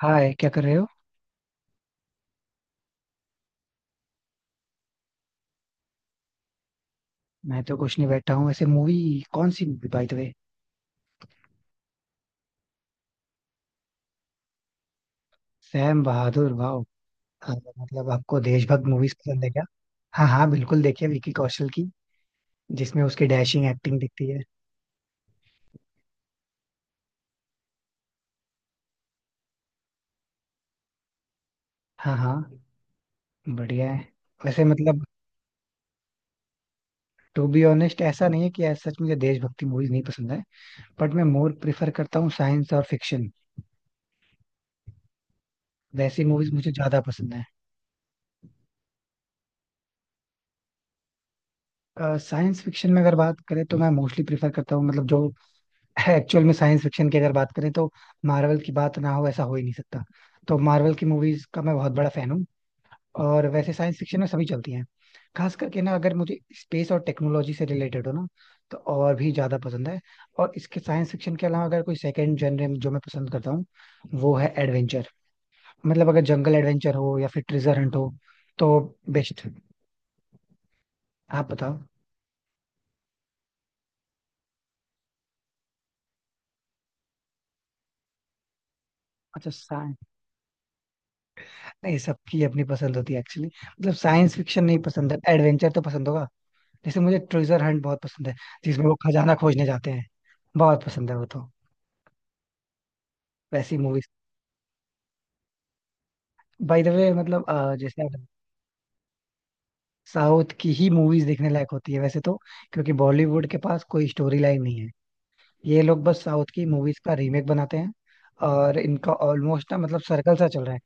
हाय, क्या कर रहे हो। मैं तो कुछ नहीं, बैठा हूँ ऐसे मूवी। कौन सी movie by the way. Sam Bahadur, वाह। मतलब आपको देशभक्त मूवीज पसंद है क्या। हाँ हाँ बिल्कुल, देखिए विकी कौशल की जिसमें उसकी डैशिंग एक्टिंग दिखती है। हाँ हाँ, बढ़िया है। वैसे मतलब टू बी ऑनेस्ट, ऐसा नहीं है कि ऐसा सच मुझे देशभक्ति मूवीज नहीं पसंद है, बट मैं मोर प्रिफर करता हूँ साइंस और फिक्शन। वैसी मूवीज मुझे ज्यादा पसंद है। साइंस फिक्शन में अगर बात करें, तो मैं मोस्टली प्रिफर करता हूँ मतलब जो एक्चुअल में साइंस फिक्शन की अगर बात करें, तो मार्वल की बात ना हो ऐसा हो ही नहीं सकता। तो मार्वल की मूवीज का मैं बहुत बड़ा फैन हूँ। और वैसे साइंस फिक्शन में सभी चलती हैं। खास करके ना अगर मुझे स्पेस और टेक्नोलॉजी से रिलेटेड हो ना, तो और भी ज्यादा पसंद है। और इसके साइंस फिक्शन के अलावा अगर कोई सेकंड जनरे में जो मैं पसंद करता हूँ, वो है एडवेंचर। मतलब अगर जंगल एडवेंचर हो या फिर ट्रेजर हंट हो, तो बेस्ट। आप बताओ। अच्छा साइंस। नहीं, सबकी अपनी पसंद होती है एक्चुअली। मतलब साइंस फिक्शन नहीं पसंद है, एडवेंचर तो पसंद होगा। जैसे मुझे ट्रेजर हंट बहुत पसंद है जिसमें वो खजाना खोजने जाते हैं। बहुत पसंद है वो तो, वैसी मूवीज। बाय द वे मतलब जैसे आप साउथ की ही मूवीज देखने लायक होती है वैसे तो, क्योंकि बॉलीवुड के पास कोई स्टोरी लाइन नहीं है। ये लोग बस साउथ की मूवीज का रीमेक बनाते हैं। और इनका ऑलमोस्ट ना मतलब सर्कल सा चल रहा है।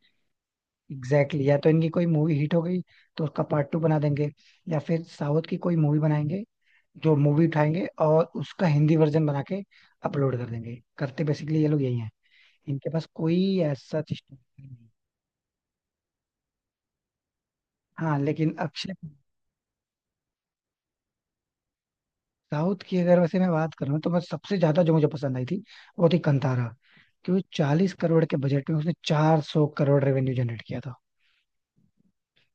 Exactly exactly। या तो इनकी कोई मूवी हिट हो गई तो उसका पार्ट टू बना देंगे, या फिर साउथ की कोई मूवी बनाएंगे। जो मूवी उठाएंगे और उसका हिंदी वर्जन बना के अपलोड कर देंगे, करते बेसिकली ये लोग यही है। इनके पास कोई ऐसा स्टोरी नहीं। हाँ लेकिन अक्षय साउथ की अगर वैसे मैं बात करूँ, तो मैं सबसे ज्यादा जो मुझे पसंद आई थी वो थी कंतारा, क्योंकि 40 करोड़ के बजट में उसने 400 करोड़ रेवेन्यू जनरेट किया था।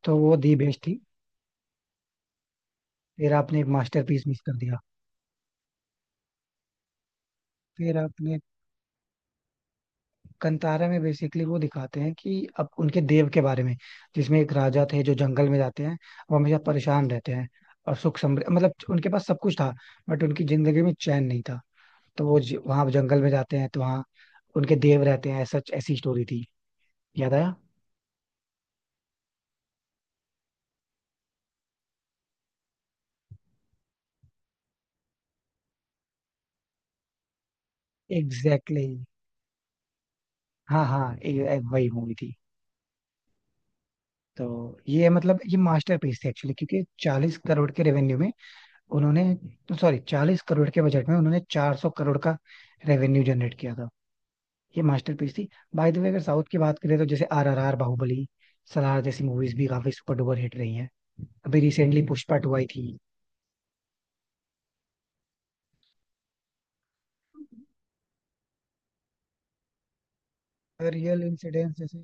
तो वो दी बेस्ट थी। फिर आपने एक मास्टरपीस मिस कर दिया। फिर आपने कंतारा में बेसिकली वो दिखाते हैं कि अब उनके देव के बारे में जिसमें एक राजा थे जो जंगल में जाते हैं। वो हमेशा परेशान रहते हैं। और सुख समृद्धि मतलब उनके पास सब कुछ था, बट उनकी जिंदगी में चैन नहीं था। तो वो वहाँ जंगल में जाते हैं तो वहाँ उनके देव रहते हैं, सच ऐसी स्टोरी थी, याद आया। Exactly exactly। हाँ हाँ वही मूवी थी। तो ये मतलब ये मास्टरपीस थी एक्चुअली, क्योंकि 40 करोड़ के रेवेन्यू में उन्होंने, सॉरी, 40 करोड़ के बजट में उन्होंने 400 करोड़ का रेवेन्यू जनरेट किया था। ये मास्टरपीस थी। बाय द वे, अगर साउथ की बात करें तो जैसे RRR, बाहुबली, सलार जैसी मूवीज भी काफी सुपर डुपर हिट रही हैं। अभी रिसेंटली पुष्पा टू आई थी। रियल इंसिडेंट्स जैसे,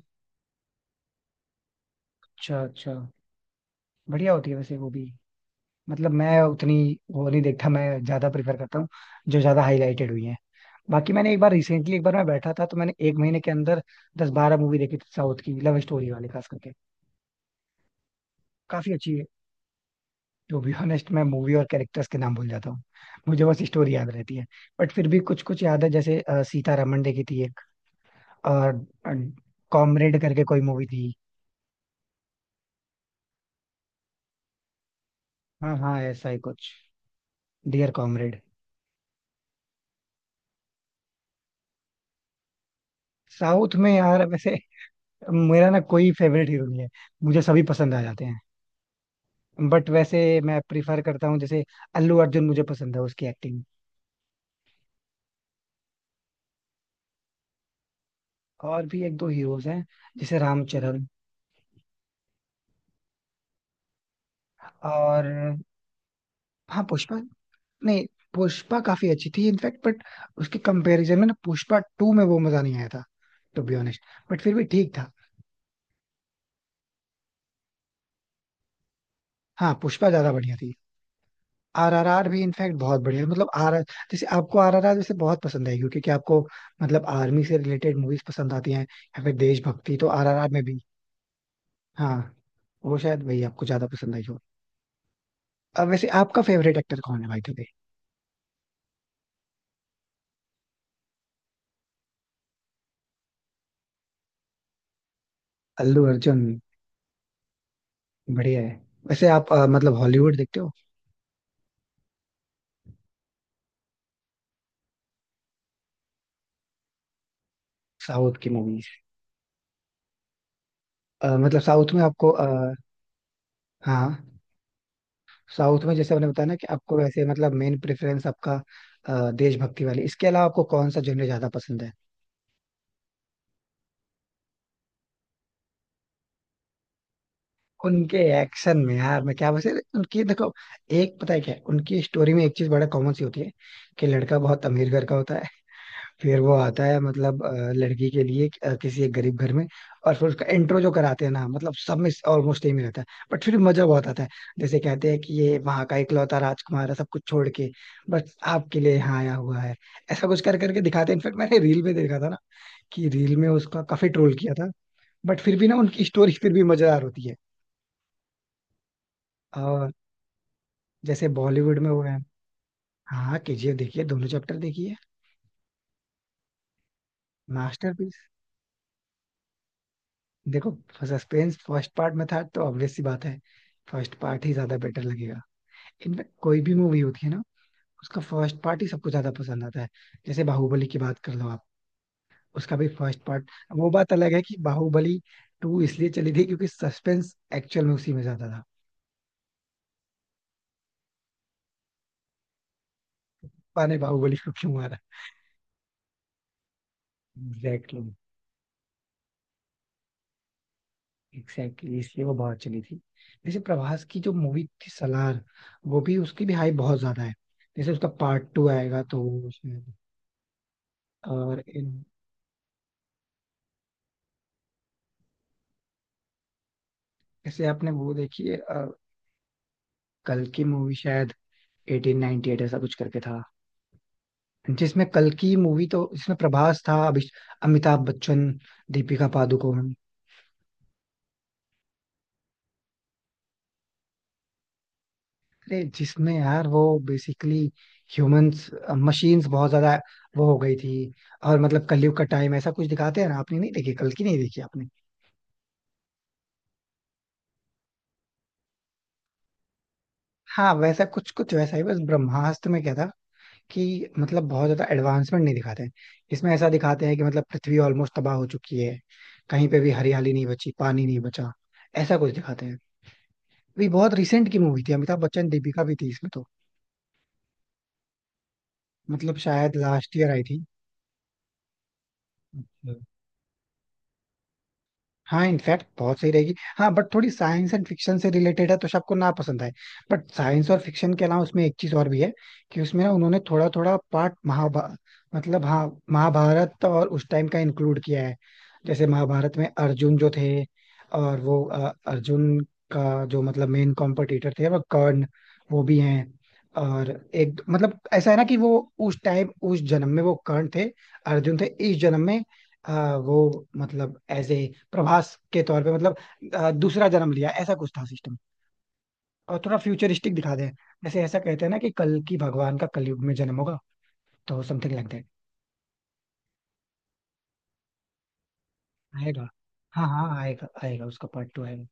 अच्छा अच्छा, बढ़िया होती है वैसे वो भी। मतलब मैं उतनी वो नहीं देखता, मैं ज्यादा प्रेफर करता हूँ जो ज्यादा हाईलाइटेड हुई है। बाकी मैंने एक बार रिसेंटली, एक बार मैं बैठा था तो मैंने एक महीने के अंदर 10-12 मूवी देखी थी साउथ की, लव स्टोरी वाले खास करके। काफी अच्छी है। टू बी ऑनेस्ट मैं मूवी और कैरेक्टर्स के नाम भूल जाता हूँ, मुझे बस स्टोरी याद रहती है। बट फिर भी कुछ कुछ याद है, जैसे सीतारमण देखी थी एक। और कॉमरेड करके कोई मूवी थी। हाँ हाँ ऐसा ही कुछ, डियर कॉमरेड। साउथ में यार वैसे मेरा ना कोई फेवरेट हीरो नहीं है, मुझे सभी पसंद आ जाते हैं। बट वैसे मैं प्रिफर करता हूँ जैसे अल्लू अर्जुन, मुझे पसंद है उसकी एक्टिंग। और भी एक दो हीरोज हैं, जैसे रामचरण। और हाँ पुष्पा, नहीं पुष्पा काफी अच्छी थी इनफैक्ट, बट उसके कंपैरिजन में ना पुष्पा टू में वो मजा नहीं आया था टू बी ऑनेस्ट, बट फिर भी ठीक था। हाँ पुष्पा ज्यादा बढ़िया थी। आरआरआर भी इनफैक्ट बहुत बढ़िया है। मतलब आर, जैसे आपको RRR जैसे बहुत पसंद आएगी क्योंकि क्या आपको, मतलब आर्मी से रिलेटेड मूवीज पसंद आती हैं, या फिर देशभक्ति, तो RRR में भी हाँ वो शायद वही आपको ज्यादा पसंद आई हो। अब वैसे आपका फेवरेट एक्टर कौन है भाई थे? अल्लू अर्जुन, बढ़िया है। वैसे आप मतलब हॉलीवुड देखते हो, साउथ की मूवीज। मतलब साउथ में आपको हाँ साउथ में जैसे आपने बताया ना कि आपको वैसे मतलब मेन प्रेफरेंस आपका देशभक्ति वाली, इसके अलावा आपको कौन सा जॉनर ज्यादा पसंद है? उनके एक्शन में यार मैं क्या वैसे उनकी देखो, एक पता है क्या है? उनकी स्टोरी में एक चीज बड़ा कॉमन सी होती है कि लड़का बहुत अमीर घर का होता है, फिर वो आता है मतलब लड़की के लिए किसी एक गरीब घर में। और फिर उसका इंट्रो जो कराते हैं ना मतलब सब में ऑलमोस्ट सेम ही रहता है, बट फिर मजा बहुत आता है। जैसे कहते हैं कि ये वहां का इकलौता राजकुमार है, सब कुछ छोड़ के बस आपके लिए यहाँ आया हुआ है, ऐसा कुछ कर करके दिखाते हैं। इनफेक्ट मैंने रील में देखा था ना कि रील में उसका काफी ट्रोल किया था, बट फिर भी ना उनकी स्टोरी फिर भी मजेदार होती है। जैसे बॉलीवुड में वो है, हाँ KGF देखिए, दोनों चैप्टर देखिए। मास्टरपीस। देखो सस्पेंस फर्स्ट पार्ट में था तो ऑब्वियस सी बात है, फर्स्ट पार्ट ही ज्यादा बेटर लगेगा। इनफैक्ट कोई भी मूवी होती है ना, उसका फर्स्ट पार्ट ही सबको ज्यादा पसंद आता है। जैसे बाहुबली की बात कर लो आप, उसका भी फर्स्ट पार्ट। वो बात अलग है कि बाहुबली टू इसलिए चली थी क्योंकि सस्पेंस एक्चुअल में उसी में ज्यादा था। पाने बाहुबली को क्यों मारा। एग्जैक्टली एग्जैक्टली, इसलिए वो बहुत चली थी। जैसे प्रभास की जो मूवी थी सलार, वो भी उसकी भी हाइप बहुत ज्यादा है। जैसे उसका पार्ट टू आएगा तो वो शायद। और जैसे आपने वो देखी है कल की मूवी शायद 1898 ऐसा कुछ करके था, जिसमें कल की मूवी, तो जिसमें प्रभास था, अभिष अमिताभ बच्चन, दीपिका पादुकोण। अरे जिसमें यार वो बेसिकली ह्यूमंस मशीन्स बहुत ज्यादा वो हो गई थी, और मतलब कलयुग का टाइम ऐसा कुछ दिखाते हैं ना। आपने नहीं देखी कल की? नहीं देखी आपने। हाँ वैसा कुछ कुछ वैसा ही बस, ब्रह्मास्त्र में क्या था कि मतलब बहुत ज्यादा एडवांसमेंट नहीं दिखाते हैं। इसमें ऐसा दिखाते हैं कि मतलब पृथ्वी ऑलमोस्ट तबाह हो चुकी है, कहीं पे भी हरियाली नहीं बची, पानी नहीं बचा, ऐसा कुछ दिखाते हैं। ये बहुत रिसेंट की मूवी थी, अमिताभ बच्चन दीपिका भी थी इसमें तो, मतलब शायद लास्ट ईयर आई थी। हाँ इनफैक्ट बहुत सही रहेगी, हाँ बट थोड़ी साइंस एंड फिक्शन से रिलेटेड है तो सबको ना पसंद आए। बट साइंस और फिक्शन के अलावा उसमें एक चीज और भी है कि उसमें ना उन्होंने थोड़ा थोड़ा पार्ट महाभा मतलब हाँ महाभारत और उस टाइम का इंक्लूड किया है। जैसे महाभारत में अर्जुन जो थे, और वो अर्जुन का जो मतलब मेन कॉम्पिटिटर थे वो कर्ण, वो भी हैं। और एक मतलब ऐसा है ना कि वो उस टाइम उस जन्म में वो कर्ण थे, अर्जुन थे इस जन्म में। हाँ वो मतलब ऐसे प्रभास के तौर पे मतलब दूसरा जन्म लिया, ऐसा कुछ था सिस्टम, और थोड़ा फ्यूचरिस्टिक दिखा दे। जैसे ऐसा कहते हैं ना कि कल की भगवान का कलयुग में जन्म होगा, तो समथिंग लाइक दैट। आएगा। हाँ हाँ आएगा आएगा, उसका पार्ट टू आएगा।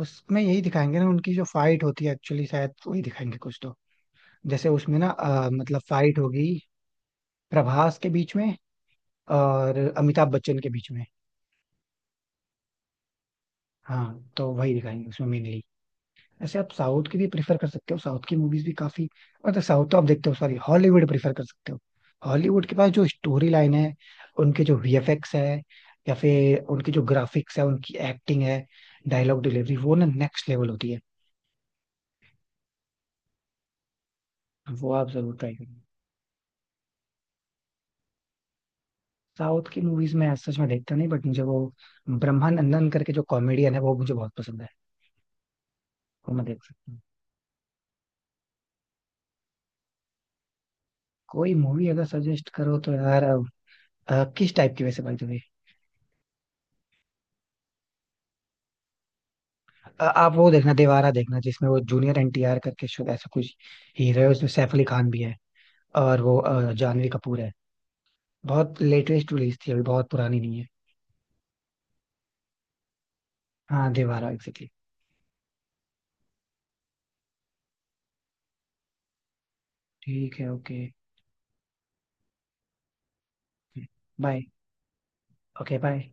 उसमें यही दिखाएंगे ना, उनकी जो फाइट होती है एक्चुअली शायद वही दिखाएंगे कुछ तो। जैसे उसमें ना मतलब फाइट होगी प्रभास के बीच में और अमिताभ बच्चन के बीच में। हाँ तो वही दिखाएंगे उसमें मेनली। वैसे आप साउथ की भी प्रिफर कर सकते हो, साउथ की मूवीज भी काफी, मतलब साउथ तो आप देखते हो, सॉरी हॉलीवुड प्रिफर कर सकते हो। हॉलीवुड के पास जो स्टोरी लाइन है, उनके जो VFX है या फिर उनके जो ग्राफिक्स है, उनकी एक्टिंग है, डायलॉग डिलीवरी, वो ना नेक्स्ट लेवल होती है। वो आप जरूर ट्राई करिए। साउथ की मूवीज में as such मैं देखता नहीं, बट मुझे वो ब्रह्मानंदन करके जो कॉमेडियन है वो मुझे बहुत पसंद है। वो मैं देख सकता हूँ। कोई मूवी अगर सजेस्ट करो तो यार किस टाइप की वैसे बाय द वे? आप वो देखना, दीवारा देखना, जिसमें वो जूनियर NTR करके शायद ऐसा कुछ हीरो है, उसमें सैफ अली खान भी है और वो जानवी कपूर है। बहुत लेटेस्ट रिलीज थी, अभी बहुत पुरानी नहीं है। हाँ दीवारा एग्जैक्टली। ठीक है, ओके बाय। Okay bye.